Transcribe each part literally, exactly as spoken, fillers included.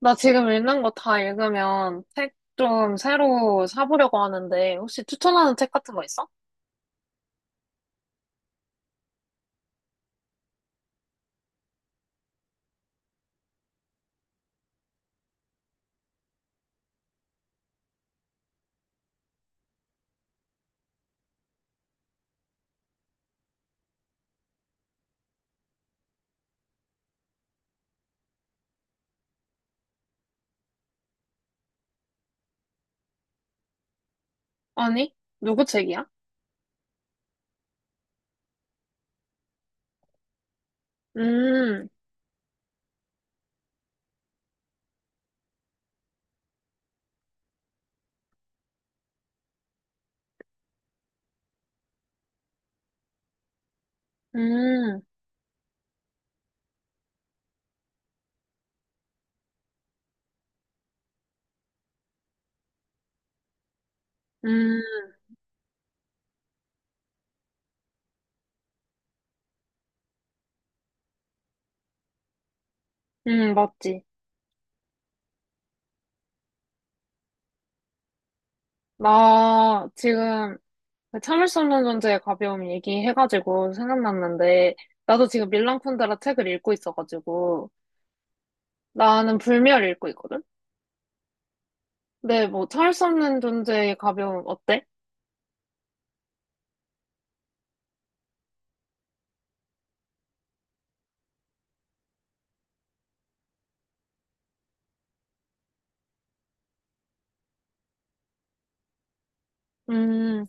나 지금 읽는 거 다 읽으면 책 좀 새로 사보려고 하는데, 혹시 추천하는 책 같은 거 있어? 아니? 누구 책이야? 음. 음. 음. 음. 맞지. 나 지금 그 참을 수 없는 존재의 가벼움 얘기해가지고 생각났는데, 나도 지금 밀란 쿤데라 책을 읽고 있어가지고, 나는 불멸 읽고 있거든? 근데 뭐 참을 수 없는 존재의 가벼움 어때? 음.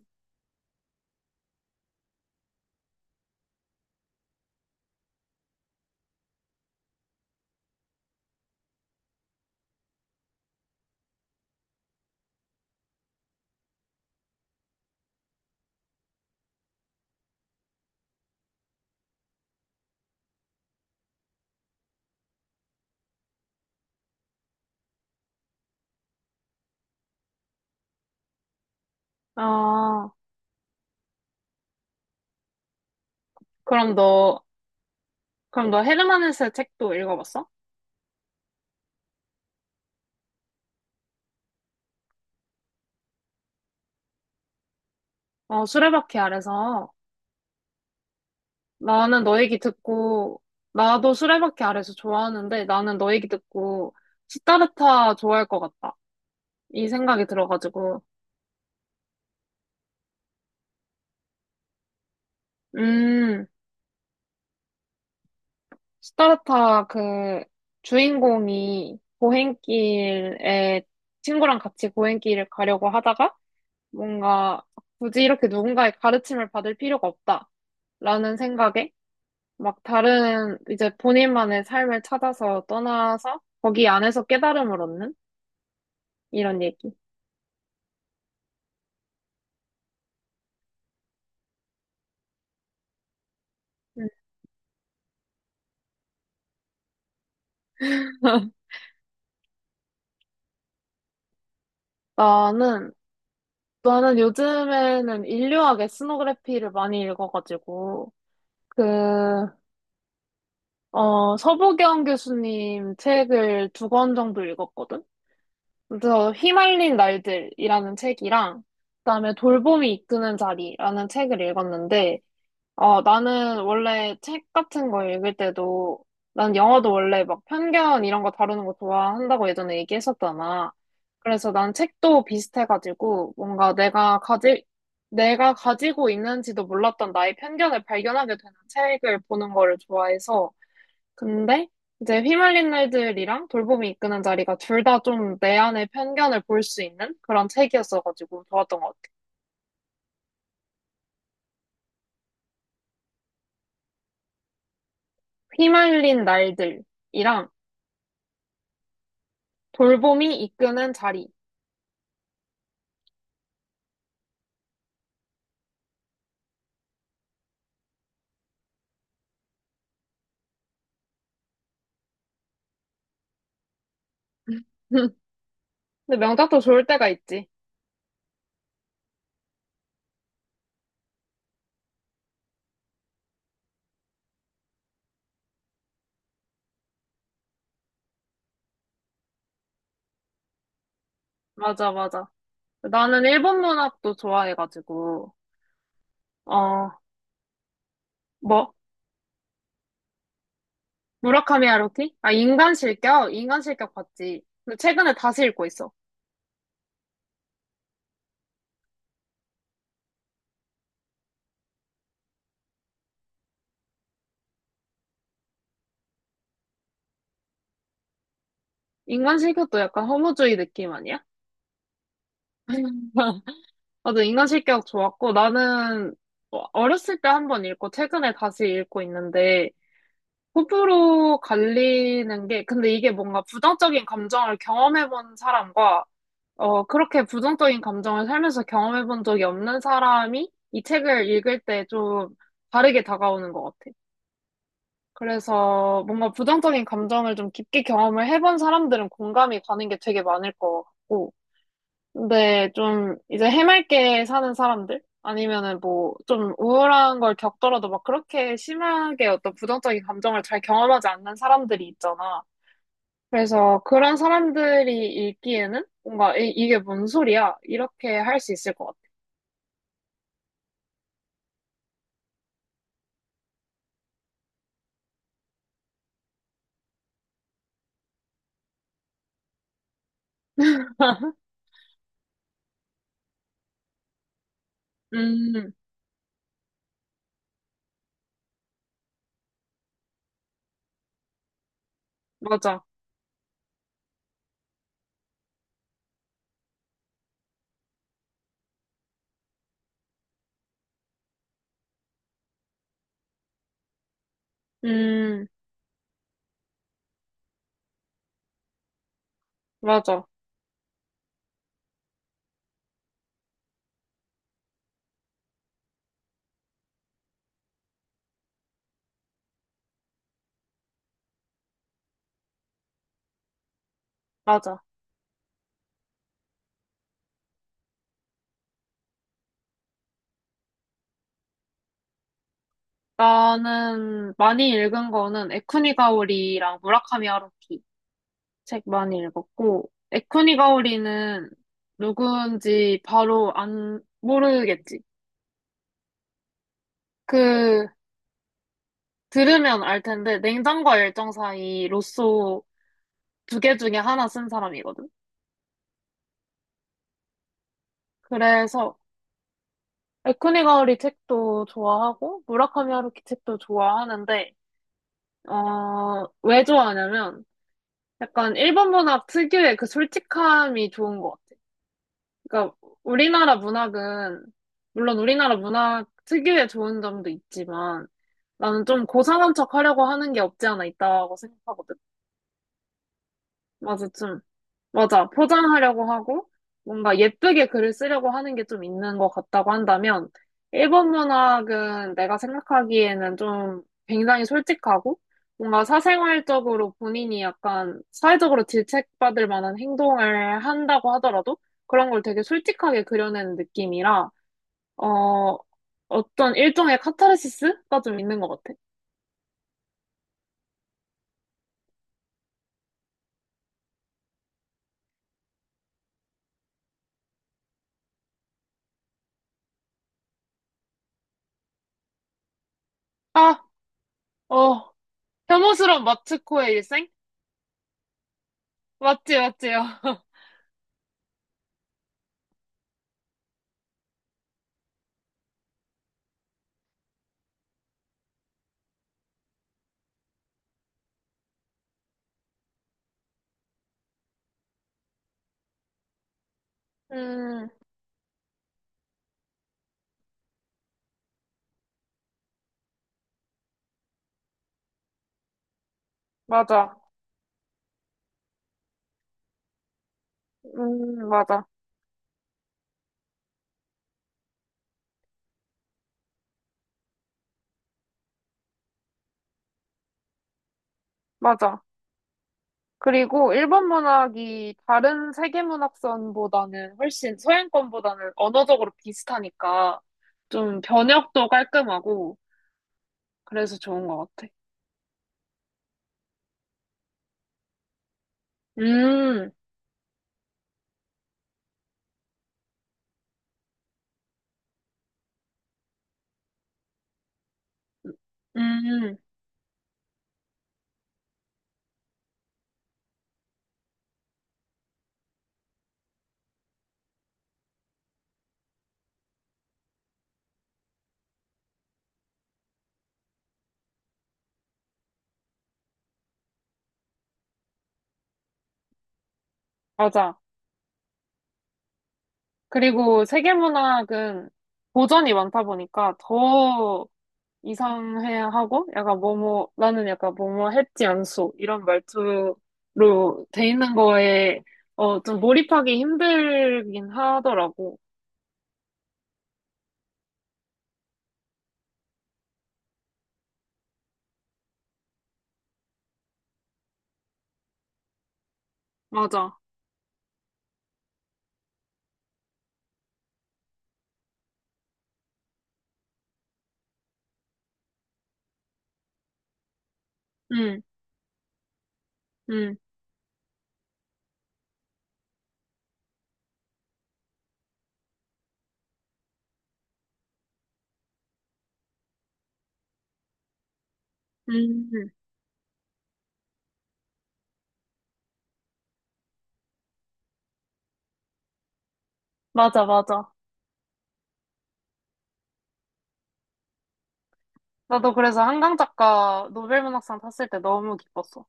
아, 그럼 너, 그럼 너 헤르만 헤세 책도 읽어봤어? 어, 수레바퀴 아래서. 나는 너 얘기 듣고, 나도 수레바퀴 아래서 좋아하는데 나는 너 얘기 듣고 시타르타 좋아할 것 같다. 이 생각이 들어가지고. 음. 시타르타 그 주인공이 고행길에 친구랑 같이 고행길을 가려고 하다가 뭔가 굳이 이렇게 누군가의 가르침을 받을 필요가 없다라는 생각에 막 다른 이제 본인만의 삶을 찾아서 떠나서 거기 안에서 깨달음을 얻는 이런 얘기. 음. 나는, 나는 요즘에는 인류학의 스노그래피를 많이 읽어가지고, 그, 어, 서부경 교수님 책을 두 권 정도 읽었거든? 그래서 휘말린 날들이라는 책이랑, 그다음에 돌봄이 이끄는 자리라는 책을 읽었는데, 어, 나는 원래 책 같은 거 읽을 때도, 난 영화도 원래 막 편견 이런 거 다루는 거 좋아한다고 예전에 얘기했었잖아. 그래서 난 책도 비슷해가지고, 뭔가 내가 가지, 내가 가지고 있는지도 몰랐던 나의 편견을 발견하게 되는 책을 보는 거를 좋아해서. 근데 이제 휘말린 날들이랑 돌봄이 이끄는 자리가 둘 다 좀 내 안의 편견을 볼 수 있는 그런 책이었어가지고 좋았던 것 같아. 휘말린 날들이랑 돌봄이 이끄는 자리. 근데 명작도 좋을 때가 있지. 맞아, 맞아. 나는 일본 문학도 좋아해가지고, 어, 뭐? 무라카미 하루키? 아, 인간 실격? 인간 실격 봤지. 근데 최근에 다시 읽고 있어. 인간 실격도 약간 허무주의 느낌 아니야? 맞아, 인간 실격 좋았고, 나는 어- 어렸을 때 한 번 읽고, 최근에 다시 읽고 있는데, 호불호 갈리는 게, 근데 이게 뭔가 부정적인 감정을 경험해본 사람과 어, 그렇게 부정적인 감정을 살면서 경험해 본 적이 없는 사람이 이 책을 읽을 때 좀 다르게 다가오는 것 같아. 그래서 뭔가 부정적인 감정을 좀 깊게 경험을 해본 사람들은 공감이 가는 게 되게 많을 것 같고. 근데 좀 이제 해맑게 사는 사람들? 아니면은 뭐 좀 우울한 걸 겪더라도 막 그렇게 심하게 어떤 부정적인 감정을 잘 경험하지 않는 사람들이 있잖아. 그래서 그런 사람들이 읽기에는 뭔가 이, 이게 뭔 소리야? 이렇게 할 수 있을 것 같아. 음, 맞아. 음, 맞아. 맞아. 나는 많이 읽은 거는 에쿠니가오리랑 무라카미 하루키 책 많이 읽었고, 에쿠니가오리는 누구인지 바로 안, 모르겠지. 그, 들으면 알 텐데, 냉장과 열정 사이 로쏘 두 개 중에 하나 쓴 사람이거든. 그래서 에쿠니 가오리 책도 좋아하고 무라카미 하루키 책도 좋아하는데 어, 왜 좋아하냐면 약간 일본 문학 특유의 그 솔직함이 좋은 것 같아. 그러니까 우리나라 문학은 물론 우리나라 문학 특유의 좋은 점도 있지만 나는 좀 고상한 척 하려고 하는 게 없지 않아 있다고 생각하거든. 맞아, 맞아. 포장하려고 하고, 뭔가 예쁘게 글을 쓰려고 하는 게 좀 있는 것 같다고 한다면, 일본 문학은 내가 생각하기에는 좀 굉장히 솔직하고, 뭔가 사생활적으로 본인이 약간 사회적으로 질책받을 만한 행동을 한다고 하더라도, 그런 걸 되게 솔직하게 그려내는 느낌이라, 어, 어떤 일종의 카타르시스가 좀 있는 것 같아. 아, 어, 혐오스러운 마츠코의 일생? 맞지, 맞지요. 음, 맞아. 음, 맞아. 맞아. 그리고 일본 문학이 다른 세계 문학선보다는 훨씬 서양권보다는 언어적으로 비슷하니까 좀 번역도 깔끔하고 그래서 좋은 것 같아. 음, 음, 맞아. 그리고 세계 문학은 고전이 많다 보니까 더 이상해야 하고, 약간 뭐뭐, 나는 약간 뭐뭐 했지 않소. 이런 말투로 돼 있는 거에, 어, 좀 몰입하기 힘들긴 하더라고. 맞아. 응, 응, 응. 응. 맞아, 맞아. 나도 그래서 한강 작가 노벨문학상 탔을 때 너무 기뻤어.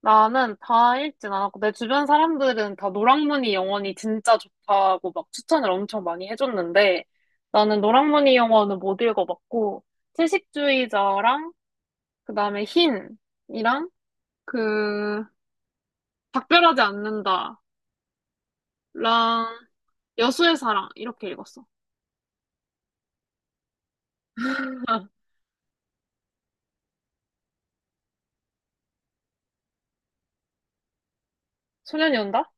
나는 다 읽진 않았고, 내 주변 사람들은 다 노랑무늬 영원이 진짜 좋다고 막 추천을 엄청 많이 해줬는데, 나는 노랑무늬 영원은 못 읽어봤고, 채식주의자랑 그 다음에 흰이랑 그 작별하지 않는다랑 여수의 사랑 이렇게 읽었어. 아, 소년이 온다?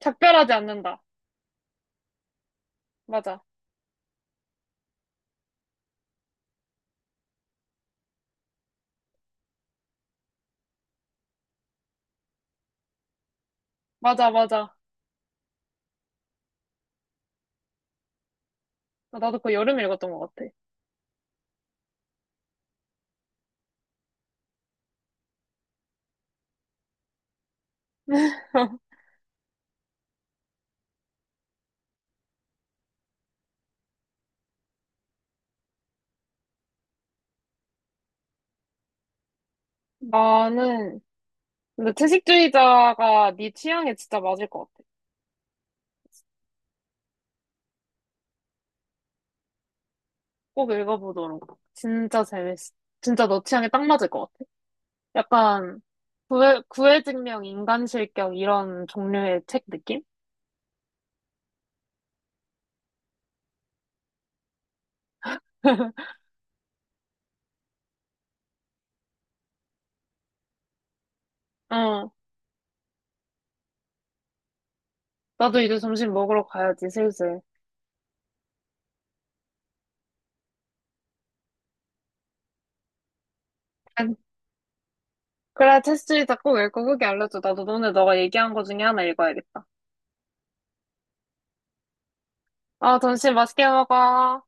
작별하지 않는다. 맞아. 맞아, 맞아. 아, 나도 그거 여름에 읽었던 것 같아. 나는 근데 채식주의자가 네 취향에 진짜 맞을 것 같아. 꼭 읽어보도록. 진짜 재밌어. 진짜 너 취향에 딱 맞을 것 같아. 약간 구애, 구애증명, 인간실격 이런 종류의 책 느낌? 어. 나도 이제 점심 먹으러 가야지, 슬슬. 안- 그래, 테스트리자 꼭 읽고 후기 알려줘. 나도 오늘 너가 얘기한 거 중에 하나 읽어야겠다. 아, 점심 맛있게 먹어.